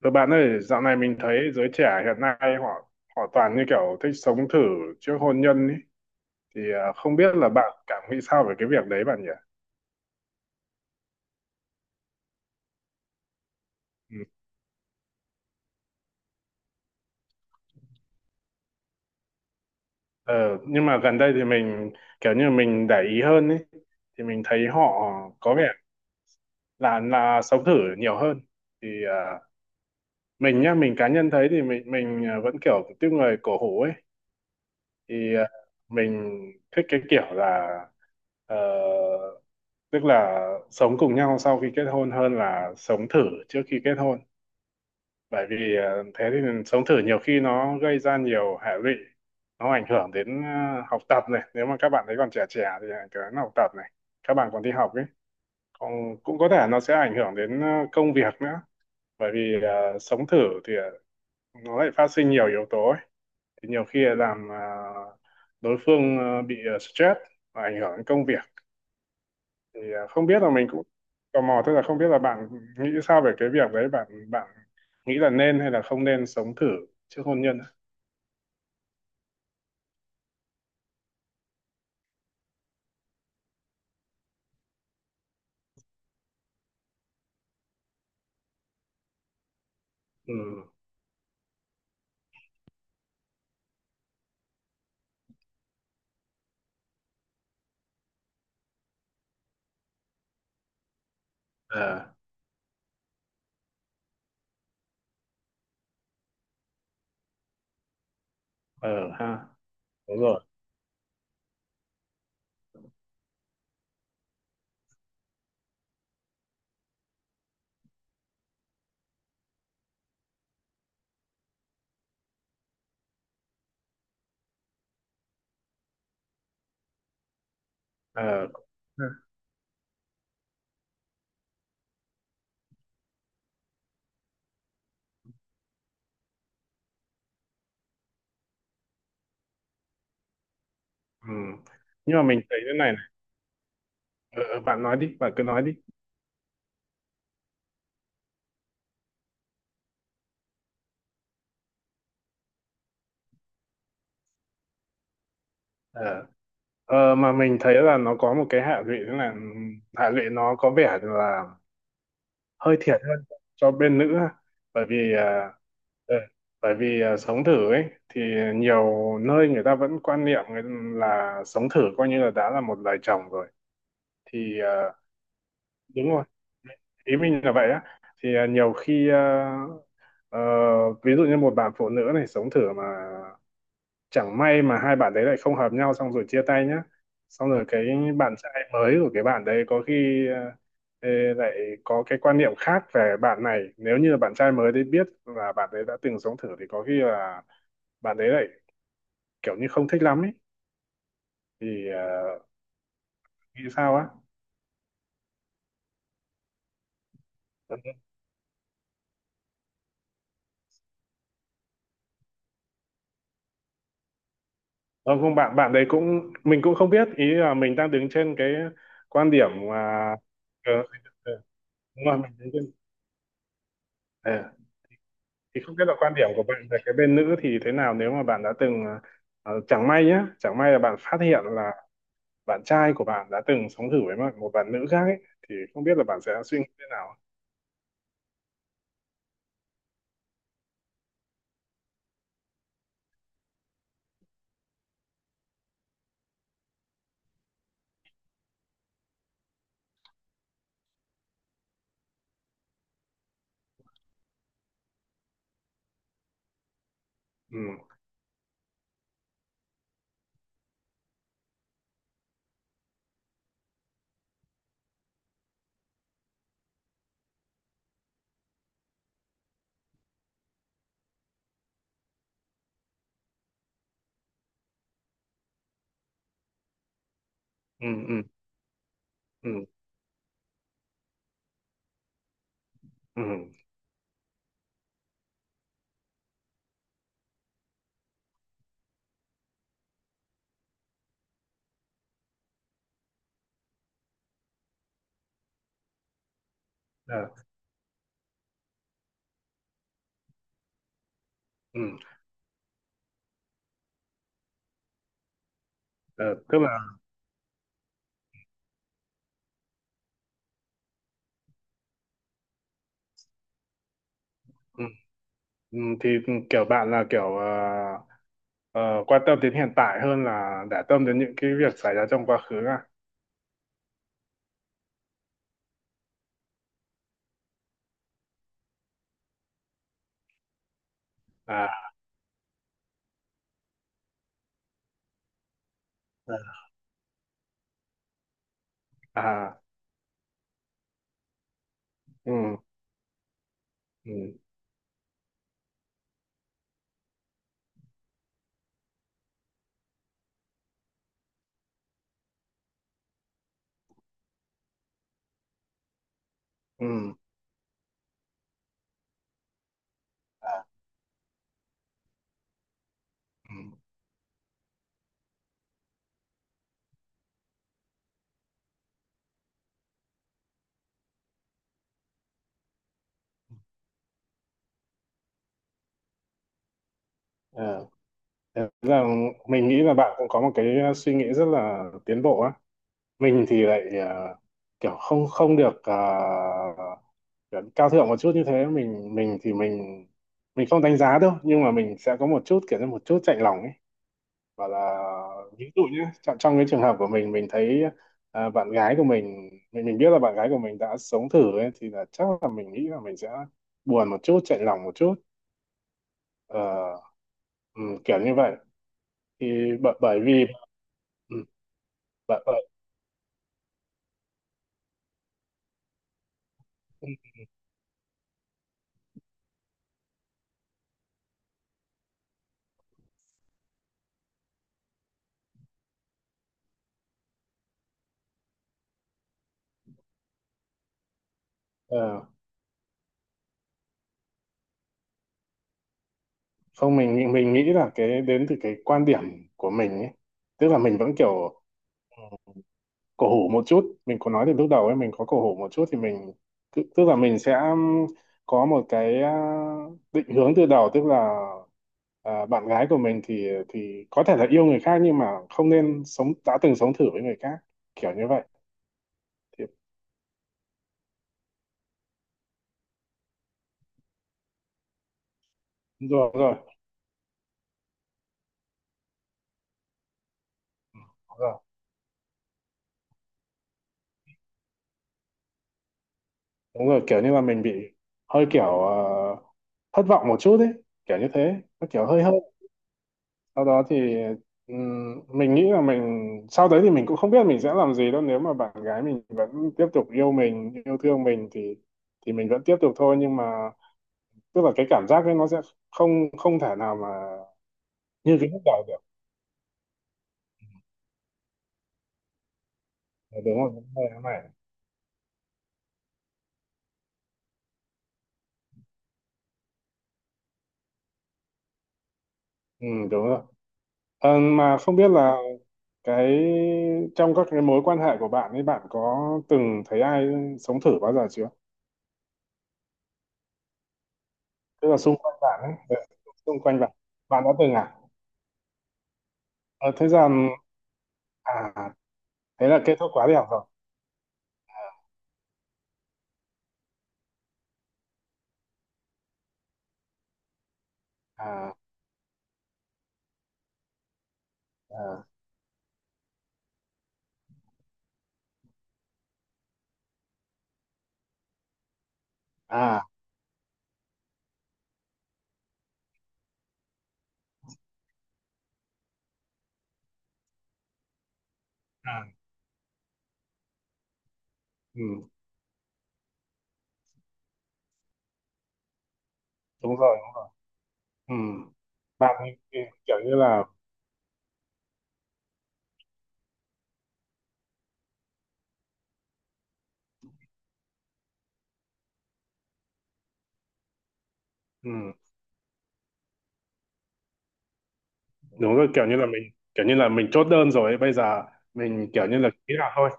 Rồi bạn ơi, dạo này mình thấy giới trẻ hiện nay họ họ toàn như kiểu thích sống thử trước hôn nhân ấy. Thì không biết là bạn cảm nghĩ sao về cái việc đấy bạn nhỉ? Ừ. Ờ, nhưng mà gần đây thì mình kiểu như mình để ý hơn ấy. Thì mình thấy họ có vẻ là sống thử nhiều hơn. Thì mình nhá, mình cá nhân thấy thì mình vẫn kiểu tiếp người cổ hủ ấy. Thì mình thích cái kiểu là ờ, tức là sống cùng nhau sau khi kết hôn hơn là sống thử trước khi kết hôn, bởi vì thế thì sống thử nhiều khi nó gây ra nhiều hệ lụy, nó ảnh hưởng đến học tập này, nếu mà các bạn ấy còn trẻ trẻ thì ảnh hưởng đến học tập này, các bạn còn đi học ấy, còn cũng có thể nó sẽ ảnh hưởng đến công việc nữa, bởi vì sống thử thì nó lại phát sinh nhiều yếu tố ấy. Thì nhiều khi làm đối phương bị stress và ảnh hưởng đến công việc. Thì không biết là mình cũng tò mò, tức là không biết là bạn nghĩ sao về cái việc đấy, bạn bạn nghĩ là nên hay là không nên sống thử trước hôn nhân á? Ừ. Ờ. Ờ ha. Đúng rồi. Ờ. Ừ. Nhưng mà mình thấy thế này này. Ờ, Bạn nói đi, bạn cứ nói đi. ờ mà mình thấy là nó có một cái hệ lụy, thế là hệ lụy nó có vẻ là hơi thiệt hơn cho bên nữ ha. Bởi vì Ừ. Bởi vì sống thử ấy thì nhiều nơi người ta vẫn quan niệm là sống thử coi như là đã là một lời chồng rồi. Thì đúng rồi, ý mình là vậy á. Thì nhiều khi ờ, ví dụ như một bạn phụ nữ này sống thử mà chẳng may mà hai bạn đấy lại không hợp nhau, xong rồi chia tay nhá, xong rồi cái bạn trai mới của cái bạn đấy có khi ê, lại có cái quan niệm khác về bạn này, nếu như bạn trai mới đấy biết là bạn đấy đã từng sống thử thì có khi là bạn đấy lại kiểu như không thích lắm ấy. Thì nghĩ sao á. Không, không, bạn bạn đấy cũng mình cũng không biết, ý là mình đang đứng trên cái quan điểm mà ờ, ờ, đúng rồi, mình đứng trên, ờ, thì không biết là quan điểm của bạn về cái bên nữ thì thế nào nếu mà bạn đã từng chẳng may nhá, chẳng may là bạn phát hiện là bạn trai của bạn đã từng sống thử với một bạn nữ khác ấy, thì không biết là bạn sẽ suy nghĩ thế nào. Ừ. Ừ. Ừ. Ừ. Ừ. Ờ. Ừ. Ờ, tức là. Ừ. Ừ, thì kiểu bạn là kiểu ờ, quan tâm đến hiện tại hơn là để tâm đến những cái việc xảy ra trong quá khứ à? À. Ờ. À. Ừ. Ừ. Ừ. Ờ. Ừ. Ờ. Thế là mình nghĩ là bạn cũng có một cái suy nghĩ rất là tiến bộ á. Mình thì lại kiểu không không được kiểu cao thượng một chút như thế. Mình mình thì mình mình không đánh giá đâu, nhưng mà mình sẽ có một chút kiểu như một chút chạnh lòng ấy. Và là ví dụ nhé, trong cái trường hợp của mình thấy bạn gái của mình, mình biết là bạn gái của mình đã sống thử ấy, thì là chắc là mình nghĩ là mình sẽ buồn một chút, chạnh lòng một chút. Ờ, ừ, Kiểu như vậy. Thì bởi vì ừ, bởi, bởi, ờ, không, mình nghĩ là cái đến từ cái quan điểm của mình ấy. Tức là mình vẫn kiểu cổ hủ một chút, mình có nói từ lúc đầu ấy, mình có cổ hủ một chút. Thì mình, tức tức là mình sẽ có một cái định hướng từ đầu. Tức là bạn gái của mình thì có thể là yêu người khác nhưng mà không nên đã từng sống thử với người khác, kiểu như vậy. Thì đúng rồi, đúng rồi, đúng rồi, đúng rồi. Kiểu như là mình bị hơi kiểu thất vọng một chút ấy. Kiểu như thế, nó kiểu hơi. Sau đó thì mình nghĩ là mình, sau đấy thì mình cũng không biết mình sẽ làm gì đâu, nếu mà bạn gái mình vẫn tiếp tục yêu mình, yêu thương mình thì mình vẫn tiếp tục thôi. Nhưng mà tức là cái cảm giác ấy nó sẽ không không thể nào mà như cái lúc đầu được. Ờ, Đúng rồi, đúng rồi, cái này. Ừ, đúng rồi. Mà không biết là cái, trong các cái mối quan hệ của bạn ấy, bạn có từng thấy ai sống thử bao giờ chưa? Tức là xung quanh bạn ấy, xung quanh bạn bạn đã từng à? Ờ, thế rằng. à Thế là kết thúc khóa đi học rồi. À. À. À. À. Ừ. Đúng rồi, đúng rồi. Ừ. Bạn ấy thì kiểu như là. ừ, Đúng rồi, kiểu như là mình, kiểu như là mình chốt đơn rồi ấy. Bây giờ mình kiểu như là ký là thôi.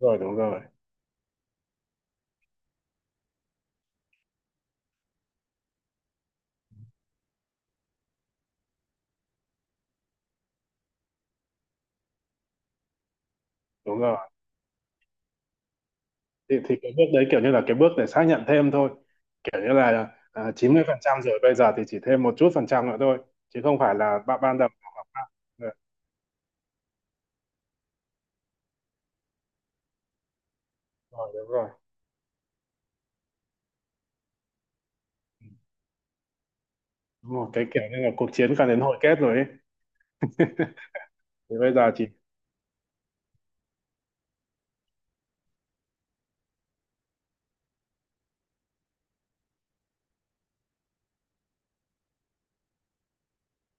Rồi. Đúng rồi, đúng rồi. Thì cái bước đấy kiểu như là cái bước để xác nhận thêm thôi, kiểu như là 90% rồi, bây giờ thì chỉ thêm một chút phần trăm nữa thôi, chứ không phải là bạn ban đầu là bạn ban. Rồi. Rồi, đúng rồi. Ừ, đúng rồi, cái kiểu như là cuộc chiến càng đến hồi kết rồi ấy. Thì bây giờ chỉ.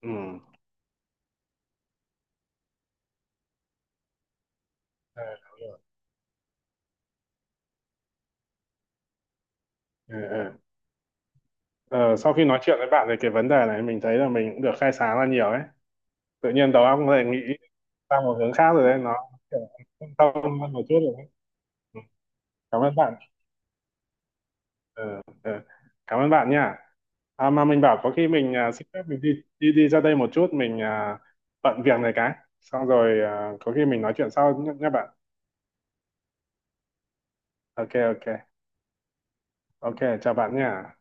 Ừ. Ừ, đúng rồi. Ừ, ừ. Ờ, Sau khi nói chuyện với bạn về cái vấn đề này, mình thấy là mình cũng được khai sáng ra nhiều ấy. Tự nhiên đầu óc lại nghĩ sang một hướng khác rồi đấy. Nó kiểu thông hơn một chút rồi đấy. Ừ, cảm ơn bạn. Ờ, ờ, Cảm ơn bạn nha. Mà mình bảo có khi mình xin phép, mình đi đi đi ra đây một chút, mình bận việc này cái, xong rồi có khi mình nói chuyện sau nhé, nhé bạn. Ok ok. Ok, chào bạn nha.